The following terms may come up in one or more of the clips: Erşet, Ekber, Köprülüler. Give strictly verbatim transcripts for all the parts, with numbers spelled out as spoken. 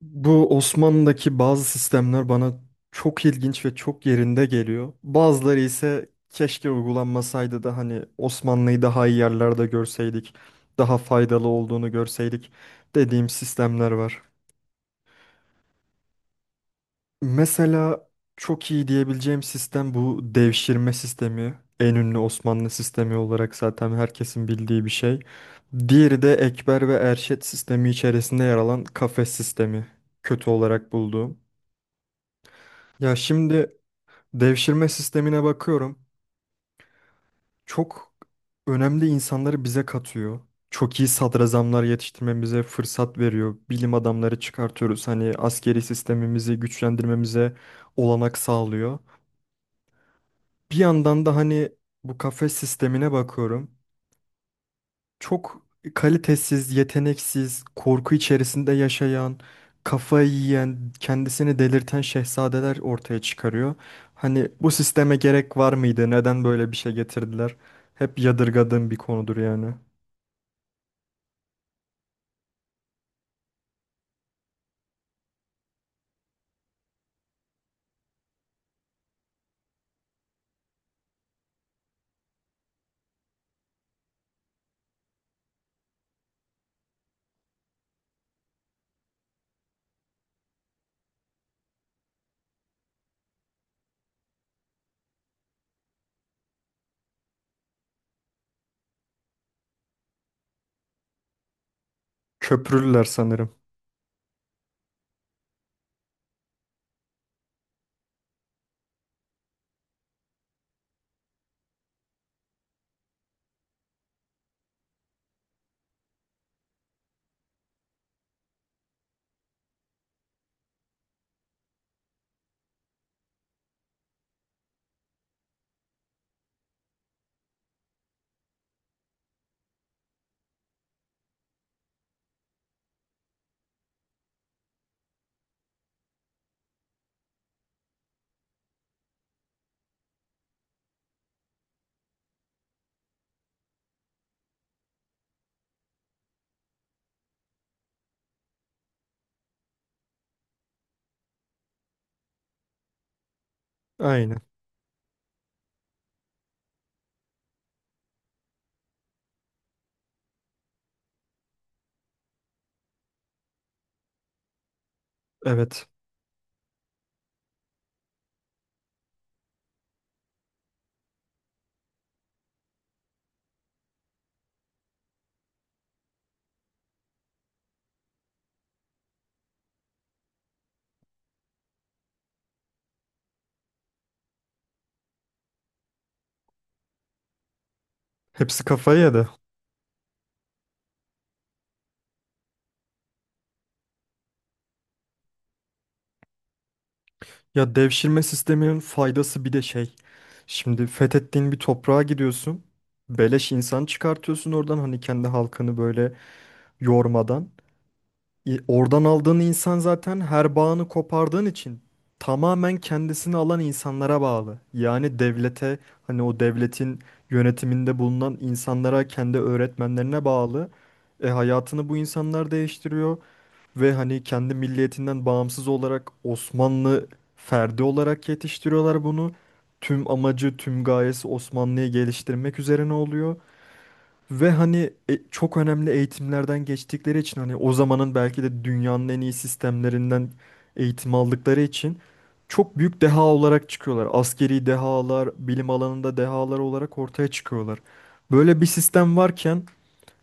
Bu Osmanlı'daki bazı sistemler bana çok ilginç ve çok yerinde geliyor. Bazıları ise keşke uygulanmasaydı da hani Osmanlı'yı daha iyi yerlerde görseydik, daha faydalı olduğunu görseydik dediğim sistemler var. Mesela çok iyi diyebileceğim sistem bu devşirme sistemi. En ünlü Osmanlı sistemi olarak zaten herkesin bildiği bir şey. Diğeri de Ekber ve Erşet sistemi içerisinde yer alan kafes sistemi. Kötü olarak bulduğum. Ya şimdi devşirme sistemine bakıyorum. Çok önemli insanları bize katıyor. Çok iyi sadrazamlar yetiştirmemize fırsat veriyor. Bilim adamları çıkartıyoruz. Hani askeri sistemimizi güçlendirmemize olanak sağlıyor. Bir yandan da hani bu kafes sistemine bakıyorum. Çok kalitesiz, yeteneksiz, korku içerisinde yaşayan, kafayı yiyen, kendisini delirten şehzadeler ortaya çıkarıyor. Hani bu sisteme gerek var mıydı? Neden böyle bir şey getirdiler? Hep yadırgadığım bir konudur yani. Köprülüler sanırım. Aynen. Evet. Hepsi kafayı yedi. Ya devşirme sisteminin faydası bir de şey. Şimdi fethettiğin bir toprağa gidiyorsun. Beleş insan çıkartıyorsun oradan hani kendi halkını böyle yormadan. E, Oradan aldığın insan zaten her bağını kopardığın için tamamen kendisini alan insanlara bağlı. Yani devlete, hani o devletin yönetiminde bulunan insanlara, kendi öğretmenlerine bağlı. E, hayatını bu insanlar değiştiriyor ve hani kendi milliyetinden bağımsız olarak Osmanlı ferdi olarak yetiştiriyorlar bunu. Tüm amacı, tüm gayesi Osmanlı'yı geliştirmek üzerine oluyor. Ve hani e, çok önemli eğitimlerden geçtikleri için hani o zamanın belki de dünyanın en iyi sistemlerinden eğitim aldıkları için çok büyük deha olarak çıkıyorlar. Askeri dehalar, bilim alanında dehalar olarak ortaya çıkıyorlar. Böyle bir sistem varken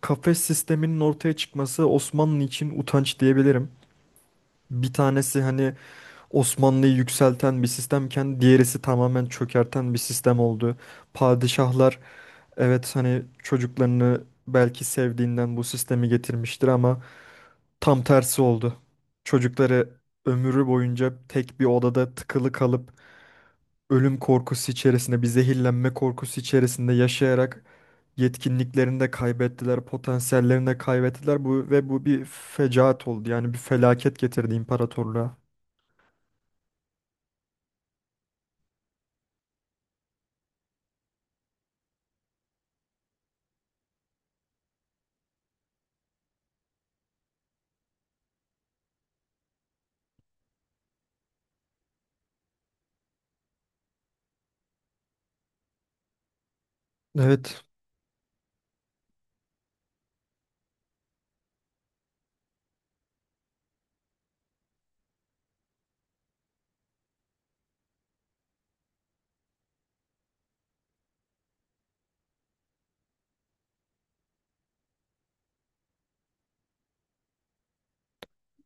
kafes sisteminin ortaya çıkması Osmanlı için utanç diyebilirim. Bir tanesi hani Osmanlı'yı yükselten bir sistemken diğerisi tamamen çökerten bir sistem oldu. Padişahlar evet hani çocuklarını belki sevdiğinden bu sistemi getirmiştir ama tam tersi oldu. Çocukları ömrü boyunca tek bir odada tıkılı kalıp ölüm korkusu içerisinde, bir zehirlenme korkusu içerisinde yaşayarak yetkinliklerini de kaybettiler, potansiyellerini de kaybettiler bu ve bu bir fecaat oldu. Yani bir felaket getirdi imparatorluğa. Evet.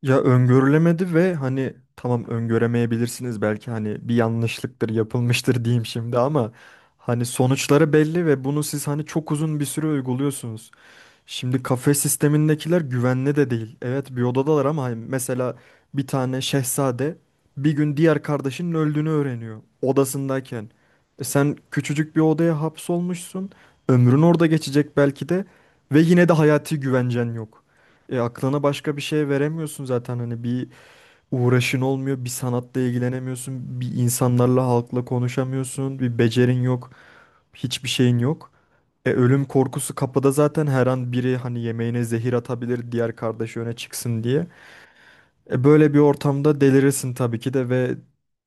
Ya öngörülemedi ve hani tamam öngöremeyebilirsiniz belki hani bir yanlışlıktır yapılmıştır diyeyim şimdi ama hani sonuçları belli ve bunu siz hani çok uzun bir süre uyguluyorsunuz. Şimdi kafe sistemindekiler güvenli de değil. Evet bir odadalar ama hani mesela bir tane şehzade bir gün diğer kardeşinin öldüğünü öğreniyor odasındayken. E sen küçücük bir odaya hapsolmuşsun. Ömrün orada geçecek belki de ve yine de hayati güvencen yok. E aklına başka bir şey veremiyorsun zaten hani bir uğraşın olmuyor, bir sanatla ilgilenemiyorsun, bir insanlarla halkla konuşamıyorsun, bir becerin yok, hiçbir şeyin yok. E, ölüm korkusu kapıda zaten her an biri hani yemeğine zehir atabilir diğer kardeşi öne çıksın diye. E, böyle bir ortamda delirirsin tabii ki de ve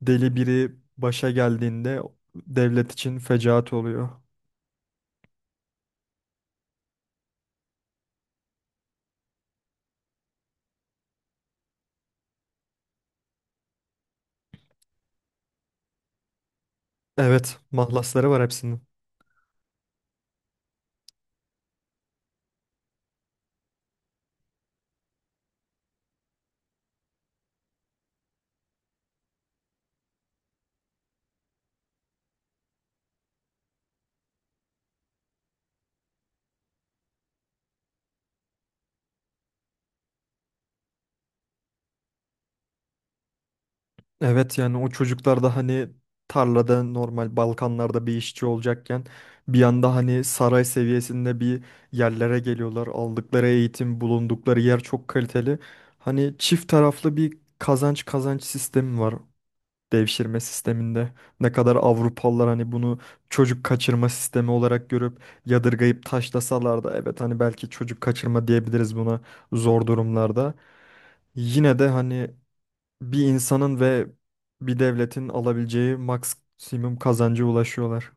deli biri başa geldiğinde devlet için fecaat oluyor. Evet, mahlasları var hepsinin. Evet yani o çocuklar da hani tarlada normal Balkanlarda bir işçi olacakken bir anda hani saray seviyesinde bir yerlere geliyorlar. Aldıkları eğitim, bulundukları yer çok kaliteli. Hani çift taraflı bir kazanç kazanç sistemi var devşirme sisteminde. Ne kadar Avrupalılar hani bunu çocuk kaçırma sistemi olarak görüp yadırgayıp taşlasalar da evet hani belki çocuk kaçırma diyebiliriz buna zor durumlarda. Yine de hani bir insanın ve bir devletin alabileceği maksimum kazancı ulaşıyorlar.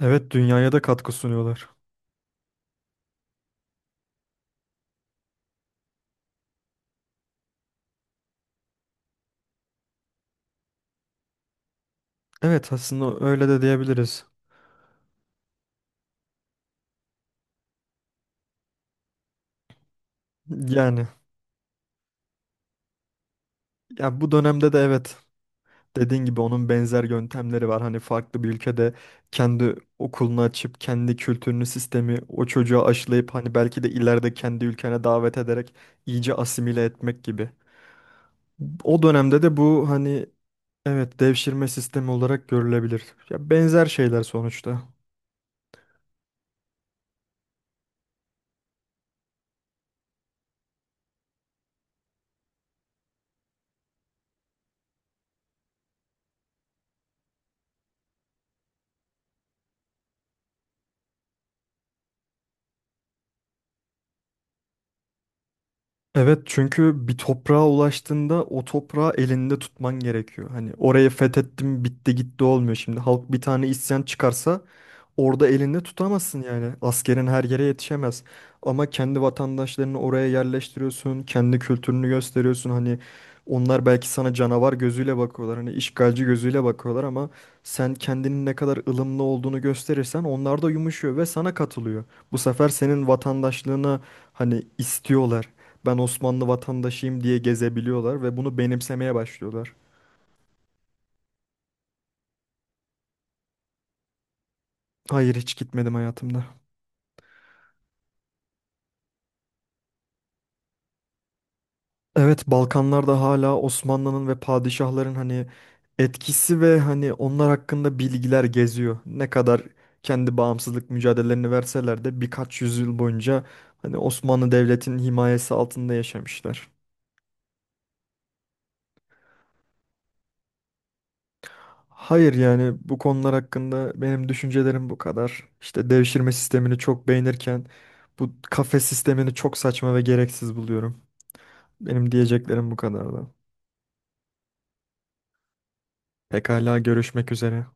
Evet, dünyaya da katkı sunuyorlar. Evet, aslında öyle de diyebiliriz. Yani ya bu dönemde de evet dediğin gibi onun benzer yöntemleri var. Hani farklı bir ülkede kendi okulunu açıp kendi kültürünü, sistemi o çocuğa aşılayıp hani belki de ileride kendi ülkene davet ederek iyice asimile etmek gibi. O dönemde de bu hani evet, devşirme sistemi olarak görülebilir. Ya benzer şeyler sonuçta. Evet çünkü bir toprağa ulaştığında o toprağı elinde tutman gerekiyor. Hani orayı fethettim bitti gitti olmuyor. Şimdi halk bir tane isyan çıkarsa orada elinde tutamazsın yani. Askerin her yere yetişemez. Ama kendi vatandaşlarını oraya yerleştiriyorsun, kendi kültürünü gösteriyorsun. Hani onlar belki sana canavar gözüyle bakıyorlar, hani işgalci gözüyle bakıyorlar ama sen kendinin ne kadar ılımlı olduğunu gösterirsen onlar da yumuşuyor ve sana katılıyor. Bu sefer senin vatandaşlığını hani istiyorlar. Ben Osmanlı vatandaşıyım diye gezebiliyorlar ve bunu benimsemeye başlıyorlar. Hayır hiç gitmedim hayatımda. Evet Balkanlarda hala Osmanlı'nın ve padişahların hani etkisi ve hani onlar hakkında bilgiler geziyor. Ne kadar kendi bağımsızlık mücadelelerini verseler de birkaç yüzyıl boyunca hani Osmanlı Devleti'nin himayesi altında yaşamışlar. Hayır yani bu konular hakkında benim düşüncelerim bu kadar. İşte devşirme sistemini çok beğenirken bu kafe sistemini çok saçma ve gereksiz buluyorum. Benim diyeceklerim bu kadardı. Pekala, görüşmek üzere.